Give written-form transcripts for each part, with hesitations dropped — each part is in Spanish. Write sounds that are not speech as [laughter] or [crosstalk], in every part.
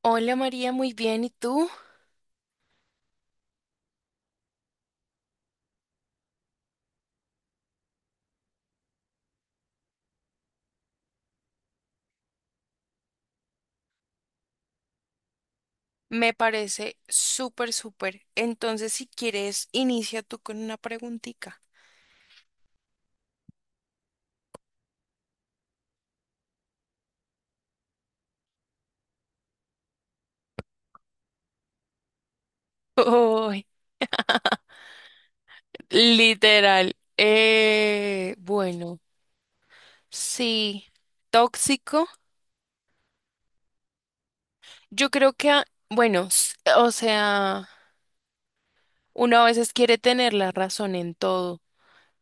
Hola María, muy bien. ¿Y tú? Me parece súper, súper. Entonces, si quieres, inicia tú con una preguntita. [laughs] Uy, literal. Bueno, sí, tóxico. Yo creo que, bueno, o sea, uno a veces quiere tener la razón en todo.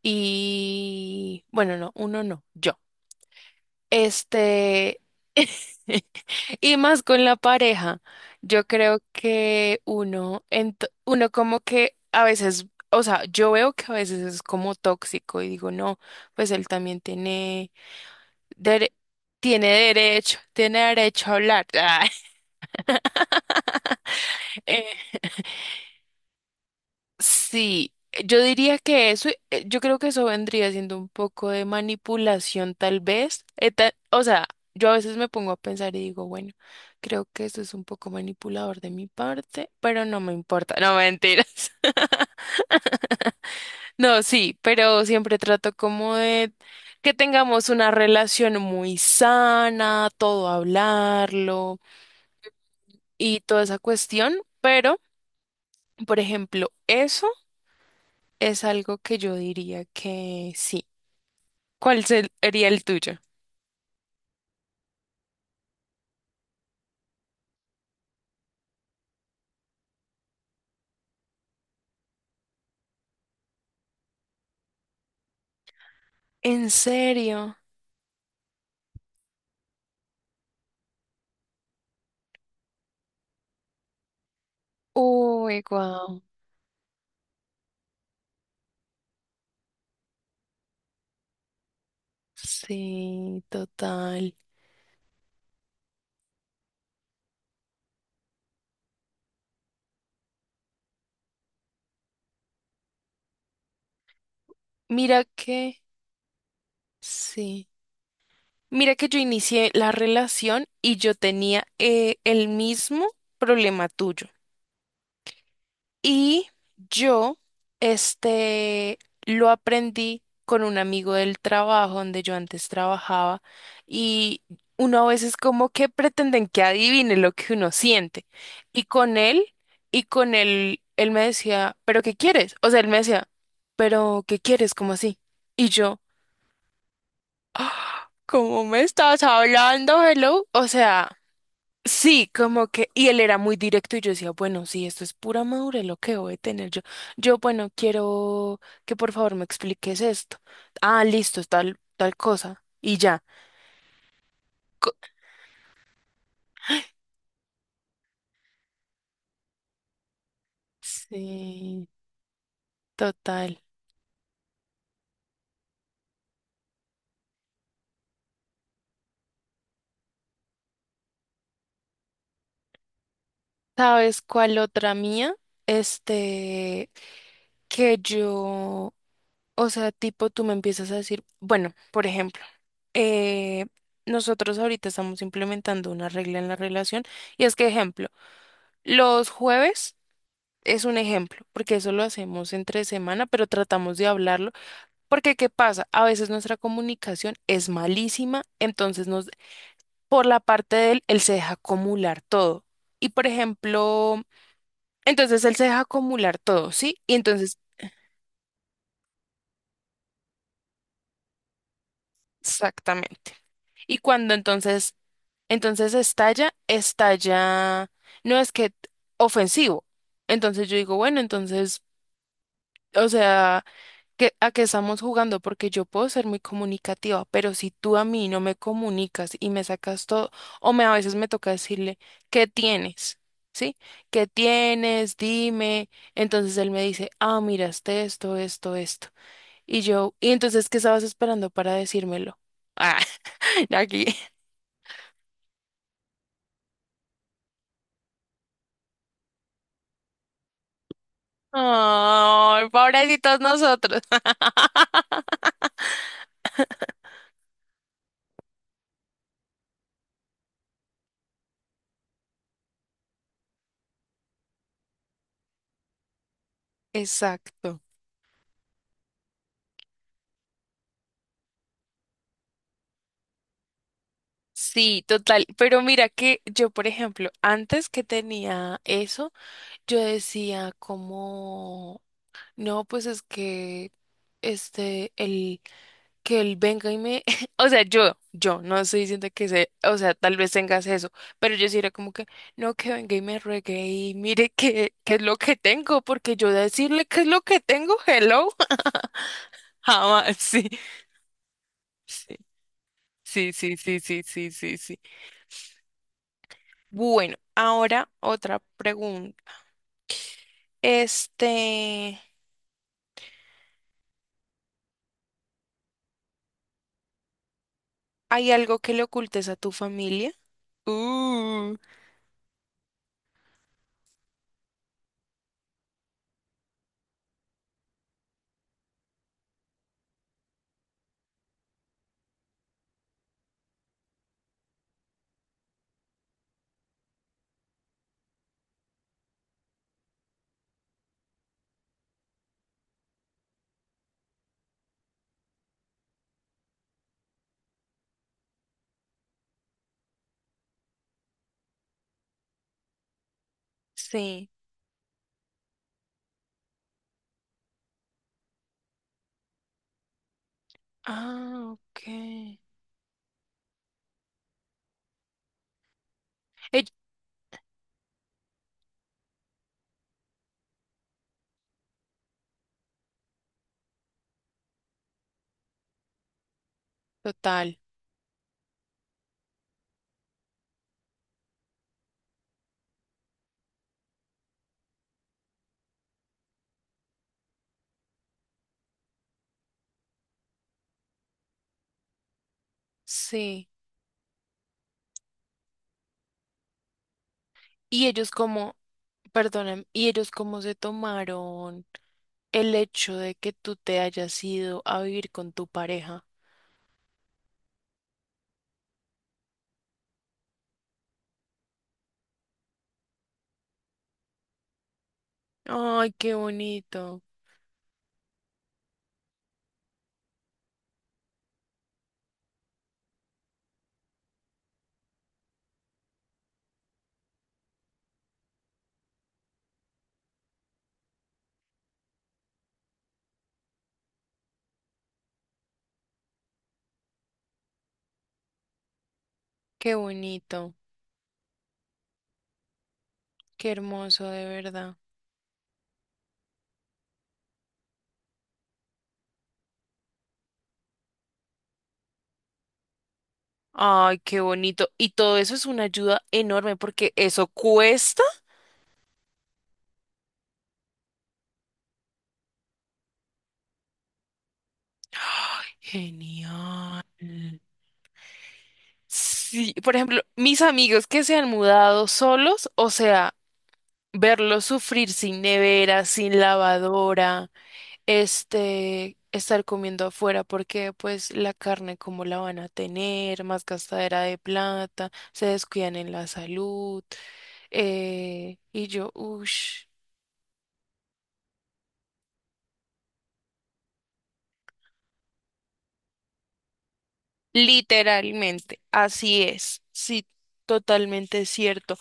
Y, bueno, no, uno no, yo. Este, [laughs] y más con la pareja, yo creo que uno, uno como que a veces, o sea, yo veo que a veces es como tóxico y digo, no, pues él también tiene, dere- tiene derecho a hablar. [laughs] Sí, yo diría que eso, yo creo que eso vendría siendo un poco de manipulación tal vez. O sea, yo a veces me pongo a pensar y digo, bueno, creo que eso es un poco manipulador de mi parte, pero no me importa, no mentiras. [laughs] No, sí, pero siempre trato como de que tengamos una relación muy sana, todo hablarlo y toda esa cuestión, pero, por ejemplo, eso es algo que yo diría que sí. ¿Cuál sería el tuyo? ¿En serio? Uy, guau. Sí, total. Mira que, sí. Mira que yo inicié la relación y yo tenía el mismo problema tuyo. Y yo, este, lo aprendí con un amigo del trabajo donde yo antes trabajaba y uno a veces como que pretenden que adivine lo que uno siente. Y con él, y con él, él me decía, ¿pero qué quieres? O sea, él me decía, ¿pero qué quieres? ¿Cómo así? Y yo, "Ah, ¿cómo me estás hablando, hello? O sea... Sí, como que, y él era muy directo y yo decía, bueno, sí, esto es pura madurez lo que voy a tener yo. Yo, bueno, quiero que por favor me expliques esto. Ah, listo, es tal, tal cosa. Y ya. Co- Sí, total. ¿Sabes cuál otra mía? Este, que yo, o sea, tipo, tú me empiezas a decir, bueno, por ejemplo, eh, nosotros ahorita estamos implementando una regla en la relación y es que, ejemplo, los jueves... Es un ejemplo, porque eso lo hacemos entre semana, pero tratamos de hablarlo, porque ¿qué pasa? A veces nuestra comunicación es malísima, entonces nos, por la parte de él, él se deja acumular todo. Y por ejemplo, entonces él se deja acumular todo, ¿sí? Y entonces, exactamente. Y cuando entonces, entonces estalla, estalla, no es que ofensivo. Entonces yo digo, bueno, entonces, o sea... que, a qué estamos jugando, porque yo puedo ser muy comunicativa, pero si tú a mí no me comunicas y me sacas todo, o me a veces me toca decirle, ¿qué tienes? ¿Sí? ¿Qué tienes? Dime. Entonces él me dice, ah, miraste esto, esto, esto. Y yo, ¿y entonces qué estabas esperando para decírmelo? Ah, [laughs] aquí. Ay, pobrecitos nosotros. [laughs] Exacto. Sí, total. Pero mira que yo, por ejemplo, antes que tenía eso, yo decía como, no, pues es que el, que él venga y me, [laughs] o sea, yo, no estoy diciendo que se, o sea, tal vez tengas eso, pero yo sí era como que, no, que venga y me ruegue y mire qué, qué es lo que tengo, porque yo decirle qué es lo que tengo, hello, [laughs] jamás, sí, sí, sí, sí, sí, sí, sí, sí, sí. Bueno, ahora otra pregunta. Este, ¿Hay algo que le ocultes a tu familia? Uh. Sí. Ah, ok. Ell- Total, sí. Y ellos como, perdonen, y ellos como se tomaron el hecho de que tú te hayas ido a vivir con tu pareja. Ay, qué bonito, qué bonito, qué hermoso de verdad. Ay, qué bonito. Y todo eso es una ayuda enorme porque eso cuesta. ¡Ay, genial! Sí, por ejemplo, mis amigos que se han mudado solos, o sea, verlo sufrir sin nevera, sin lavadora, estar comiendo afuera porque pues la carne como la van a tener, más gastadera de plata, se descuidan en la salud, y yo, ush, literalmente, así es, sí, totalmente cierto.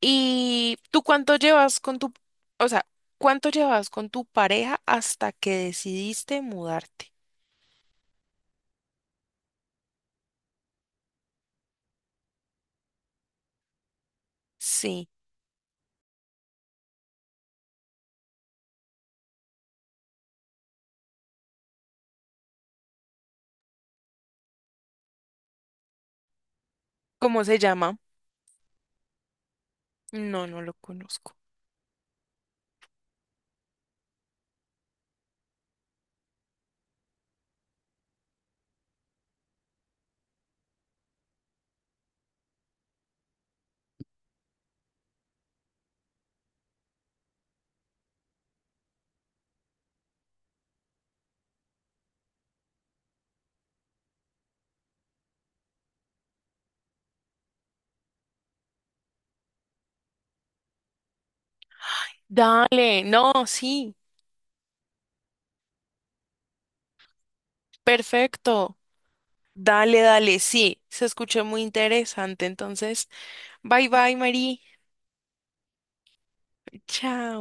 ¿Y tú cuánto llevas con tu, o sea, cuánto llevas con tu pareja hasta que decidiste mudarte? Sí, ¿cómo se llama? No, no lo conozco. Dale, no, sí, perfecto. Dale, dale, sí, se escuchó muy interesante. Entonces, bye bye, Mari. Chao.